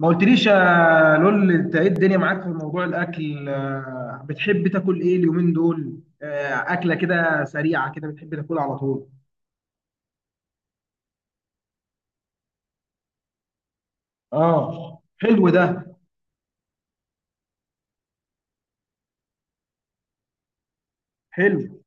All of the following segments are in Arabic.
ما قلتليش يا لول، انت ايه الدنيا معاك في موضوع الاكل؟ بتحب تاكل ايه اليومين دول؟ اكله كده سريعه كده بتحب تاكلها على طول؟ اه، حلو ده. حلو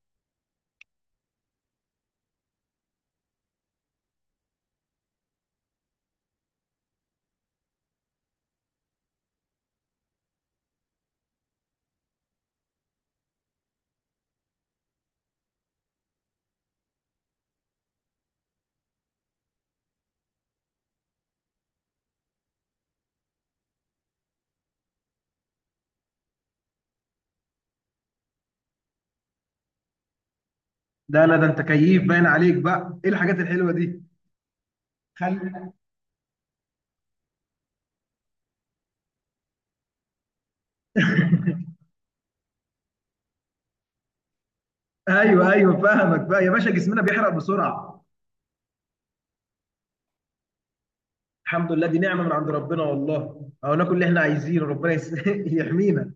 لا، ده انت كيف باين عليك بقى، ايه الحاجات الحلوه دي؟ خل... ايوه ايوه، فاهمك بقى يا باشا، جسمنا بيحرق بسرعه. الحمد لله، دي نعمه من عند ربنا، والله او ناكل اللي احنا عايزينه ربنا يحمينا.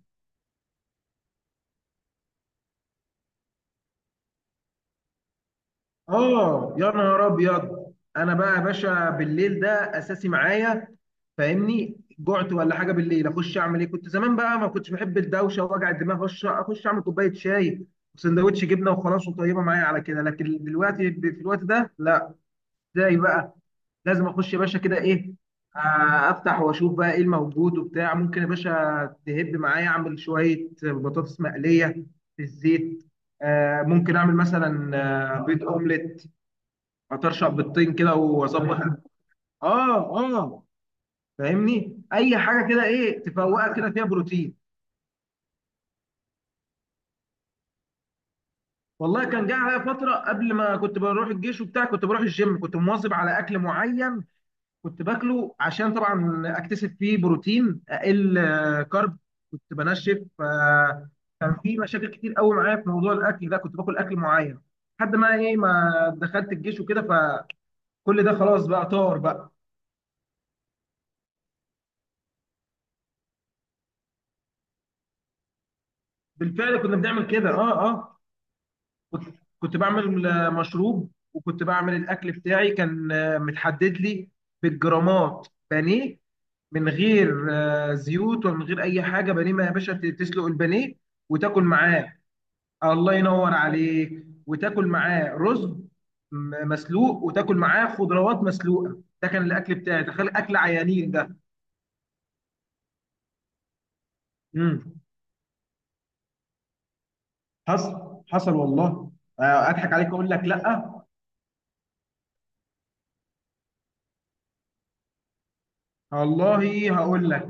اه يا نهار ابيض، انا بقى يا باشا بالليل ده اساسي معايا. فاهمني، جعت ولا حاجه بالليل اخش اعمل ايه؟ كنت زمان بقى ما كنتش بحب الدوشه ووجع الدماغ، اخش اعمل كوبايه شاي وسندوتش جبنه وخلاص، وطيبه معايا على كده. لكن دلوقتي في الوقت ده لا. ازاي بقى؟ لازم اخش يا باشا كده، ايه؟ افتح واشوف بقى ايه الموجود وبتاع، ممكن يا باشا تهب معايا اعمل شويه بطاطس مقليه في الزيت. ممكن اعمل مثلا بيض اومليت، اطرشق بيضتين كده واظبط. اه اه، فاهمني اي حاجه كده، ايه تفوقك كده فيها بروتين. والله كان جه عليا فتره قبل، ما كنت بروح الجيش وبتاع، كنت بروح الجيم، كنت مواظب على اكل معين. كنت باكله عشان طبعا اكتسب فيه بروتين، اقل كارب. كنت بنشف. كان في مشاكل كتير قوي معايا في موضوع الاكل ده، كنت باكل اكل معين لحد ما ايه، ما دخلت الجيش وكده، فكل ده خلاص بقى طار بقى. بالفعل كنا بنعمل كده، اه اه. كنت بعمل مشروب، وكنت بعمل الاكل بتاعي، كان متحدد لي بالجرامات بانيه، من غير زيوت ومن غير اي حاجه. بانيه ما يا باشا تسلق البانيه وتاكل معاه. الله ينور عليك، وتاكل معاه رز مسلوق، وتاكل معاه خضروات مسلوقه. ده كان الاكل بتاعي، تخيل اكل عيانين ده. امم حصل حصل والله. اضحك عليك اقول لك لا. والله هقول لك،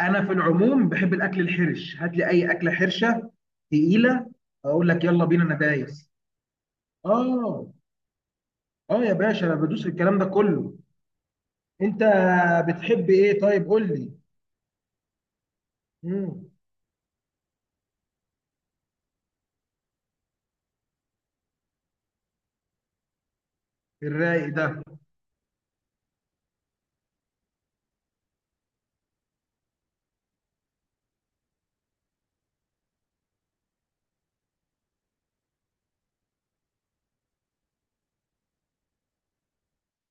انا في العموم بحب الاكل الحرش، هات لي اي اكله حرشه تقيله، اقول لك يلا بينا، انا دايس. اه اه يا باشا، انا بدوس في الكلام ده كله. انت بتحب ايه؟ طيب قول لي. امم الرايق ده،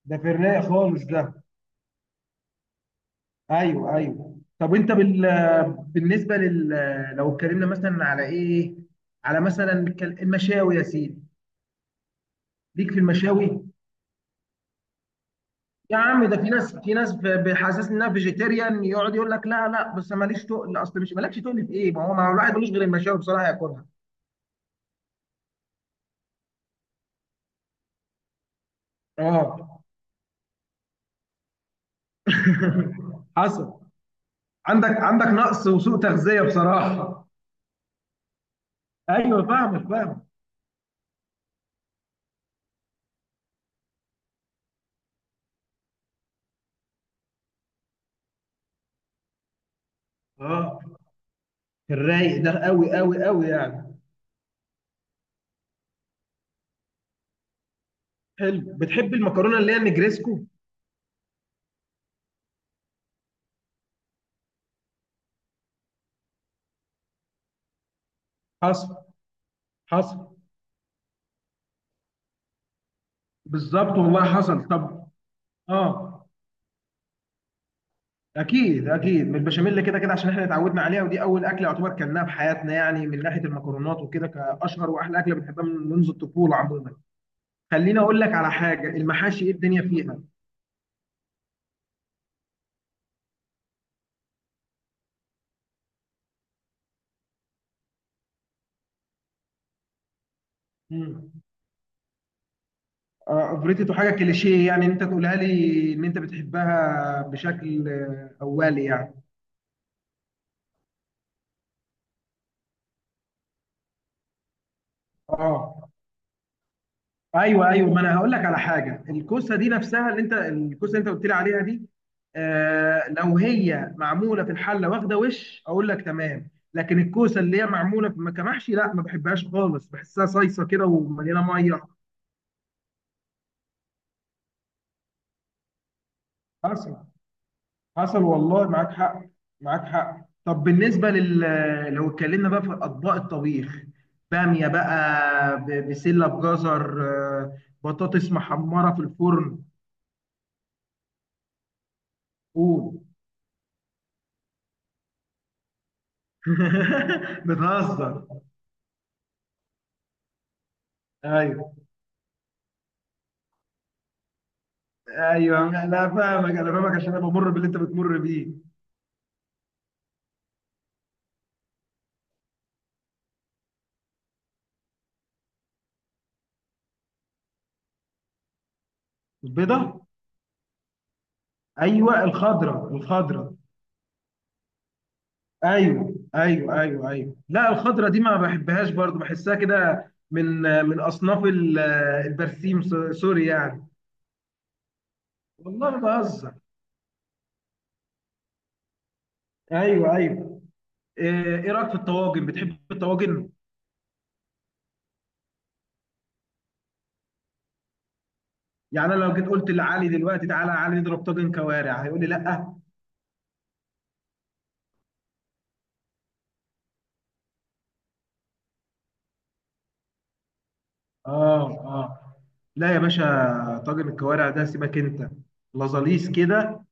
ده في الرايق خالص ده. ايوه ايوه. طب انت بالنسبه لل، لو اتكلمنا مثلا على ايه، على مثلا المشاوي يا سيدي. ليك في المشاوي يا عم؟ ده في ناس، بيحسسني انها فيجيتيريان، يقعد يقول لك لا لا بس ماليش تقل، اصل مش مالكش تقل في ايه؟ ما هو، الواحد ملوش غير المشاوي بصراحه ياكلها. اه حصل. عندك نقص وسوء تغذيه بصراحه. ايوه فاهمك، فاهم. اه الرايق ده قوي قوي قوي يعني. حلو، بتحب المكرونه اللي هي نجريسكو؟ حصل حصل. بالظبط والله، حصل طب. اه، اكيد اكيد من البشاميل كده كده، عشان احنا اتعودنا عليها، ودي اول اكله يعتبر كلناها في حياتنا يعني، من ناحيه المكرونات وكده، كاشهر واحلى اكله بنحبها من منذ الطفوله عموما. خليني اقول لك على حاجه، المحاشي ايه الدنيا فيها؟ مم. افريتو حاجه كليشيه يعني، إن انت تقولها لي ان انت بتحبها بشكل اولي يعني. اه، ايوه ايوه، ما انا هقول لك على حاجه، الكوسه دي نفسها اللي انت، الكوسه اللي انت قلت لي عليها دي. آه لو هي معموله في الحله واخده وش اقول لك تمام، لكن الكوسه اللي هي معموله في كمحشي لا، ما بحبهاش خالص، بحسها صيصه كده ومليانه ميه. حصل. حصل والله، معاك حق، معاك حق. طب بالنسبه لل، لو اتكلمنا بقى في اطباق الطبيخ، باميه بقى، بسله بجزر، بطاطس محمره في الفرن. قول. بتهزر. ايوه ايوه، لا فاهمك، انا فاهمك عشان انا بمر باللي انت بتمر بيه. البيضه. ايوه الخضره الخضره. ايوه ايوه ايوه ايوه لا، الخضره دي ما بحبهاش برضو، بحسها كده من، اصناف البرسيم، سوري يعني. والله ما بهزر. ايوه ايوه. ايه، رايك في الطواجن؟ بتحب الطواجن؟ يعني انا لو جيت قلت لعلي دلوقتي تعالى يا علي نضرب طاجن كوارع، هيقول لي لا. اه اه، لا يا باشا، طاجن الكوارع ده سيبك انت، لازاليس كده.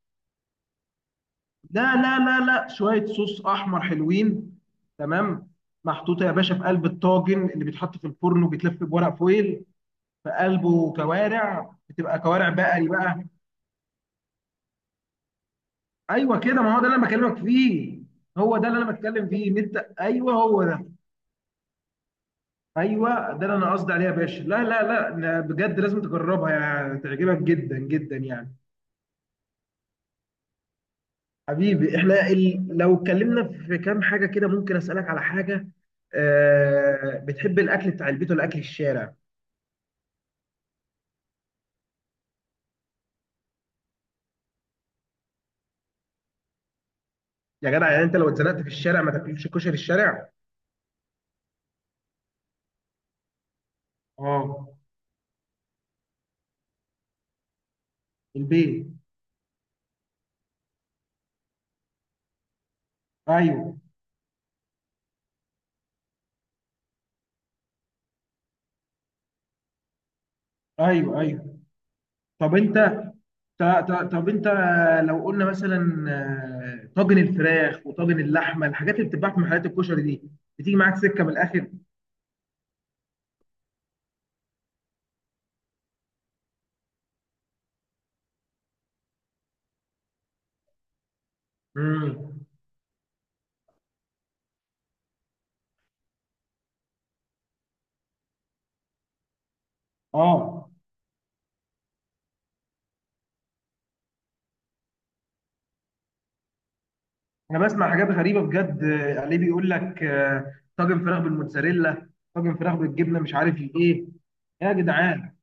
لا لا لا لا، شوية صوص أحمر حلوين. تمام، محطوطة يا باشا في قلب الطاجن اللي بيتحط في الفرن وبيتلف بورق فويل. في قلبه كوارع، بتبقى كوارع بقري بقى. أيوه كده، ما هو ده اللي أنا بكلمك فيه، هو ده اللي أنا بتكلم فيه، إن أنت أيوه هو ده، أيوه ده اللي أنا قصدي عليه يا باشا. لا لا لا لا، بجد لازم تجربها، يعني تعجبك جدا جدا يعني. حبيبي، احنا لو اتكلمنا في كام حاجة كده، ممكن اسألك على حاجة؟ بتحب الأكل بتاع البيت ولا أكل الشارع؟ يا جدع، يعني أنت لو اتزنقت في الشارع ما تاكلش كشري الشارع؟ اه، البيت. ايوه ايوه ايوه. طب انت ط- طب انت لو قلنا مثلا طاجن الفراخ وطاجن اللحمه، الحاجات اللي بتتباع في محلات الكشري دي، بتيجي معاك سكه من الاخر؟ امم اه، انا بسمع حاجات غريبه بجد، عليه بيقول لك طاجن فراخ بالموتزاريلا، طاجن فراخ بالجبنه، مش عارف ايه. يا جدعان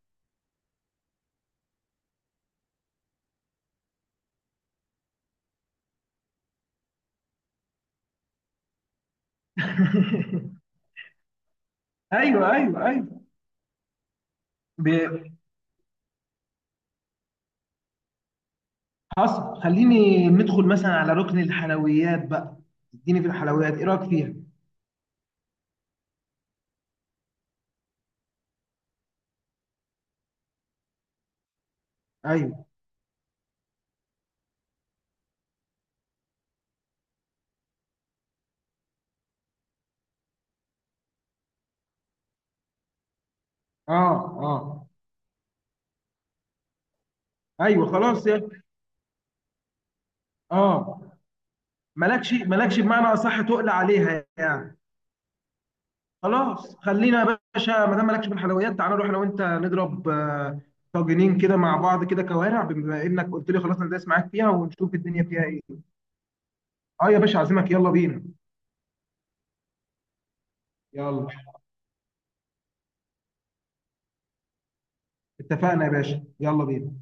ايوه ايوه ايوه. ب- حصل، خليني ندخل مثلا على ركن الحلويات بقى، اديني في الحلويات ايه رايك فيها؟ ايوه. اه اه. ايوه خلاص يا، اه، مالكش بمعنى اصح، تقل عليها يعني. خلاص، خلينا يا باشا ما دام مالكش في الحلويات، تعالى نروح انا وانت نضرب طاجنين كده مع بعض كده كوارع، بما انك قلت لي خلاص انا دايس معاك فيها، ونشوف الدنيا فيها ايه. اه يا باشا، عازمك، يلا بينا. يلا. اتفقنا يا باشا، يلا بينا.